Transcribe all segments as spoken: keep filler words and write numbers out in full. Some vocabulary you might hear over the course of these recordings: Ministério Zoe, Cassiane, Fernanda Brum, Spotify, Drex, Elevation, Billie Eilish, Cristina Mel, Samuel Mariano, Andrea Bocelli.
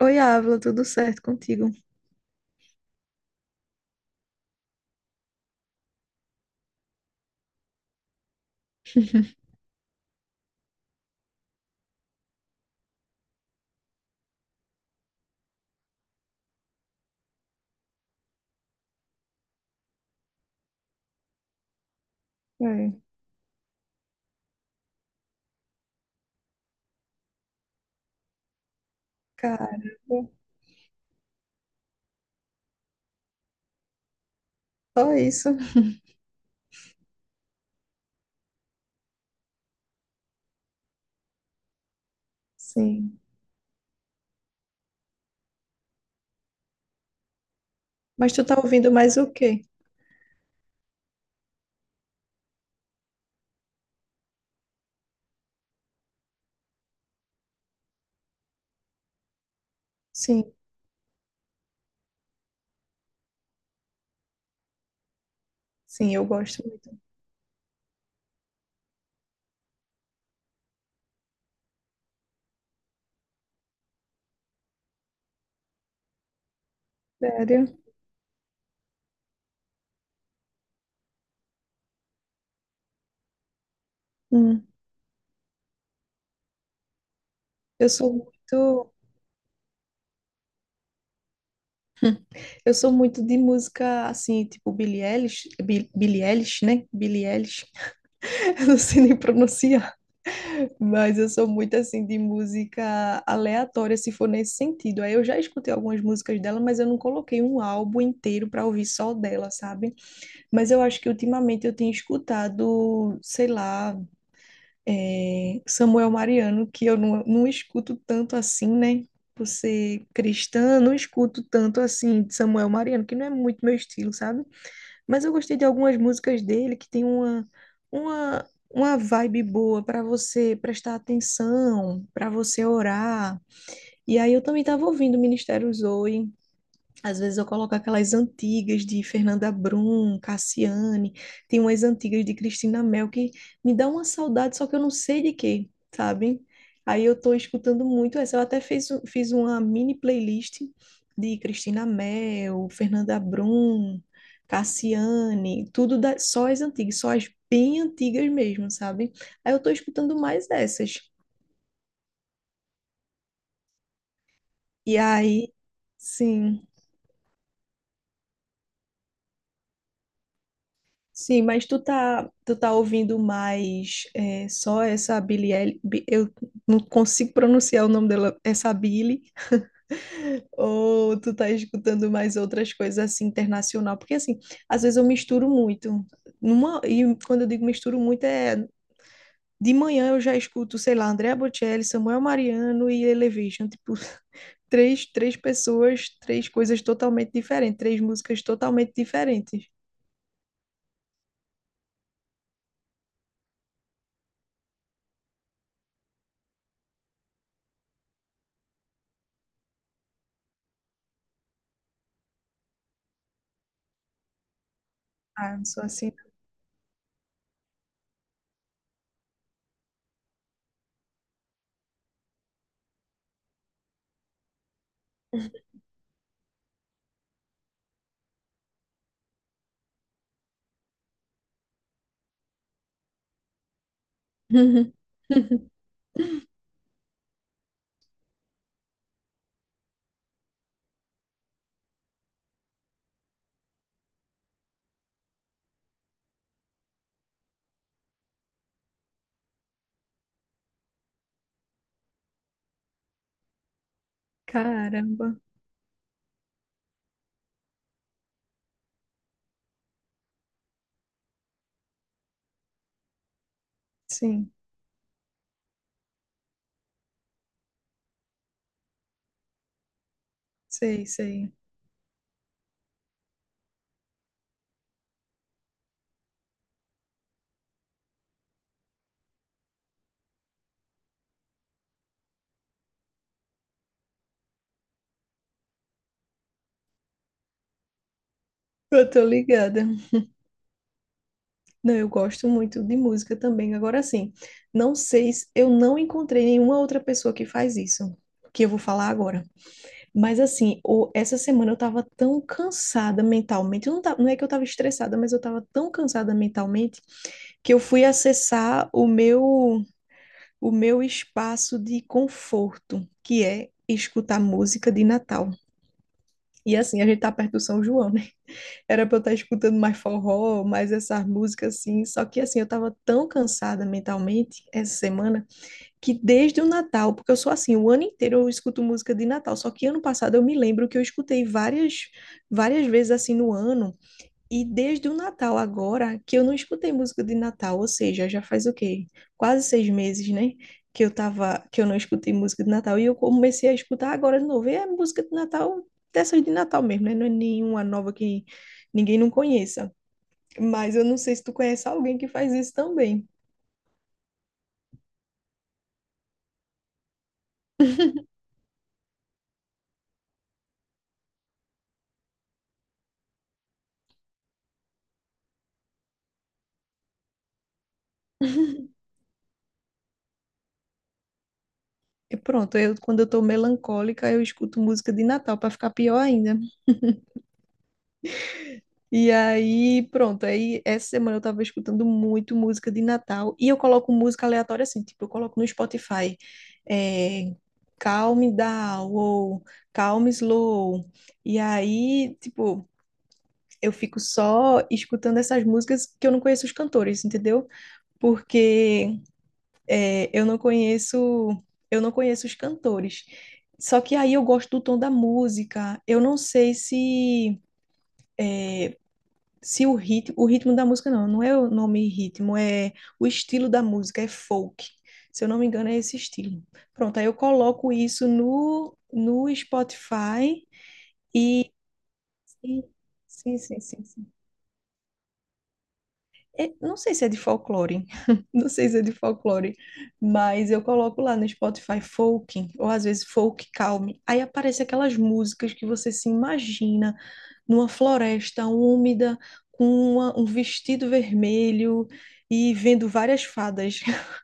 Oi, Ávila, tudo certo contigo? É, caramba, só isso. Sim. Mas tu tá ouvindo mais o quê? Sim, sim, eu gosto muito. Sério? Hum. Eu sou muito, eu sou muito de música assim, tipo Billie Eilish, Bi- Billie Eilish, né? Billie Eilish. Eu não sei nem pronunciar. Mas eu sou muito assim de música aleatória, se for nesse sentido. Aí eu já escutei algumas músicas dela, mas eu não coloquei um álbum inteiro pra ouvir só dela, sabe? Mas eu acho que ultimamente eu tenho escutado, sei lá, é, Samuel Mariano, que eu não, não escuto tanto assim, né? Por ser cristã, não escuto tanto assim de Samuel Mariano, que não é muito meu estilo, sabe? Mas eu gostei de algumas músicas dele que tem uma, uma, uma vibe boa para você prestar atenção, para você orar. E aí eu também estava ouvindo o Ministério Zoe, às vezes eu coloco aquelas antigas de Fernanda Brum, Cassiane, tem umas antigas de Cristina Mel que me dá uma saudade, só que eu não sei de quê, sabe? Aí eu tô escutando muito essa. Eu até fiz, um, fiz uma mini playlist de Cristina Mel, Fernanda Brum, Cassiane, tudo da, só as antigas, só as bem antigas mesmo, sabe? Aí eu tô escutando mais essas. E aí, sim. Sim, mas tu tá, tu tá ouvindo mais é, só essa Billie Eilish, Bi- eu não consigo pronunciar o nome dela, essa Billie, ou tu tá escutando mais outras coisas assim, internacional? Porque assim, às vezes eu misturo muito, numa, e quando eu digo misturo muito é, de manhã eu já escuto, sei lá, Andrea Bocelli, Samuel Mariano e Elevation, tipo, três, três pessoas, três coisas totalmente diferentes, três músicas totalmente diferentes. Ah, não sou assim. Caramba, sim, sei, sei. Eu tô ligada. Não, eu gosto muito de música também. Agora sim, não sei se eu não encontrei nenhuma outra pessoa que faz isso, que eu vou falar agora. Mas assim, o- essa semana eu tava tão cansada mentalmente. Eu não, ta- não é que eu tava estressada, mas eu tava tão cansada mentalmente que eu fui acessar o meu, o meu espaço de conforto, que é escutar música de Natal. E assim, a gente tá perto do São João, né? Era pra eu estar escutando mais forró, mais essas músicas assim. Só que assim, eu tava tão cansada mentalmente essa semana que desde o Natal, porque eu sou assim, o ano inteiro eu escuto música de Natal. Só que ano passado eu me lembro que eu escutei várias, várias vezes assim no ano. E desde o Natal agora, que eu não escutei música de Natal, ou seja, já faz o quê? Quase seis meses, né? Que eu tava, que eu não escutei música de Natal. E eu comecei a escutar agora de novo. E é música de Natal, dessas de Natal mesmo, né? Não é nenhuma nova que ninguém não conheça. Mas eu não sei se tu conhece alguém que faz isso também. E pronto, eu, quando eu tô melancólica, eu escuto música de Natal para ficar pior ainda. E aí, pronto, aí essa semana eu tava escutando muito música de Natal e eu coloco música aleatória assim, tipo, eu coloco no Spotify, é, Calm Down ou Calm Slow. E aí, tipo, eu fico só escutando essas músicas que eu não conheço os cantores, entendeu? Porque é, eu não conheço, eu não conheço os cantores. Só que aí eu gosto do tom da música. Eu não sei se se o ritmo, o ritmo da música não, não é o nome ritmo, é o estilo da música, é folk. Se eu não me engano, é esse estilo. Pronto, aí eu coloco isso no, no Spotify e sim, sim, sim, sim, sim. É, não sei se é de folclore, não sei se é de folclore, mas eu coloco lá no Spotify folk, ou às vezes folk calme. Aí aparece aquelas músicas que você se imagina numa floresta úmida, com uma- um vestido vermelho e vendo várias fadas.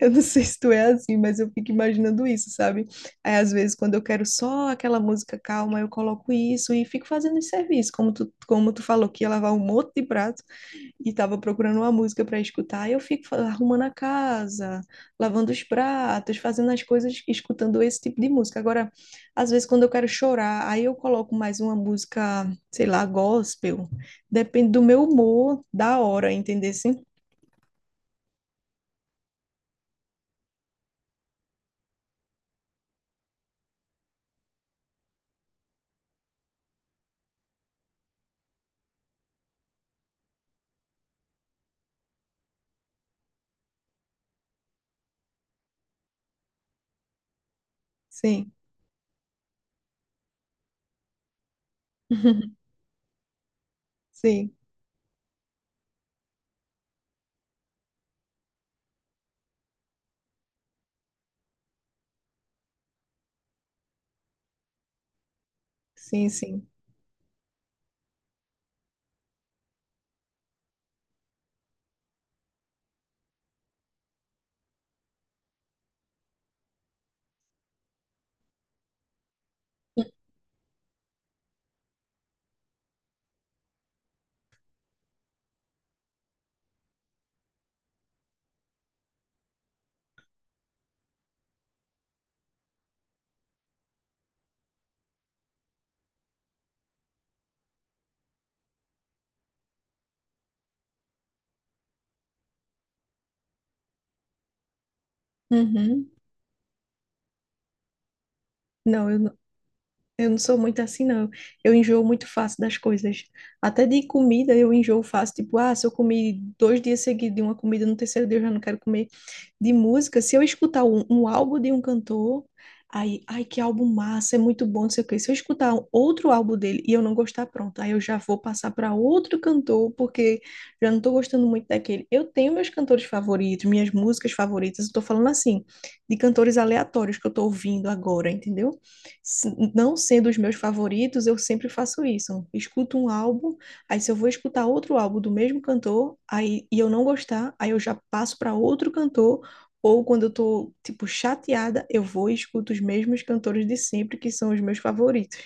Eu não sei se tu é assim, mas eu fico imaginando isso, sabe? Aí às vezes quando eu quero só aquela música calma, eu coloco isso e fico fazendo esse serviço, como tu, como tu falou que ia lavar um monte de prato e tava procurando uma música para escutar, e eu fico fa- arrumando a casa, lavando os pratos, fazendo as coisas, escutando esse tipo de música. Agora, às vezes quando eu quero chorar, aí eu coloco mais uma música, sei lá, gospel. Depende do meu humor da hora, entendeu? Sim, sim, sim, sim. Sim. Uhum. Não, eu Eu não sou muito assim, não. Eu enjoo muito fácil das coisas. Até de comida eu enjoo fácil. Tipo, ah, se eu comi dois dias seguidos de uma comida, no terceiro dia eu já não quero comer. De música, se eu escutar um, um álbum de um cantor, aí, ai, que álbum massa, é muito bom, não sei o quê. Se eu escutar um- outro álbum dele e eu não gostar, pronto, aí eu já vou passar para outro cantor, porque já não estou gostando muito daquele. Eu tenho meus cantores favoritos, minhas músicas favoritas. Eu tô falando assim, de cantores aleatórios que eu tô ouvindo agora, entendeu? Se- não sendo os meus favoritos, eu sempre faço isso. Escuto um álbum, aí se eu vou escutar outro álbum do mesmo cantor, aí e eu não gostar, aí eu já passo para outro cantor, ou quando eu tô, tipo, chateada, eu vou e escuto os mesmos cantores de sempre, que são os meus favoritos.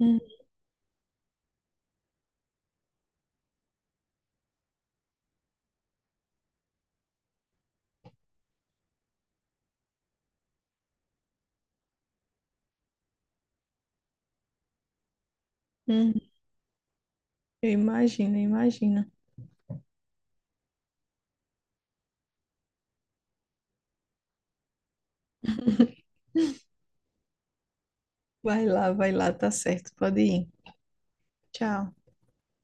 Hum, uhum. Eu imagino, eu imagino. Vai lá, vai lá, tá certo, pode ir. Tchau.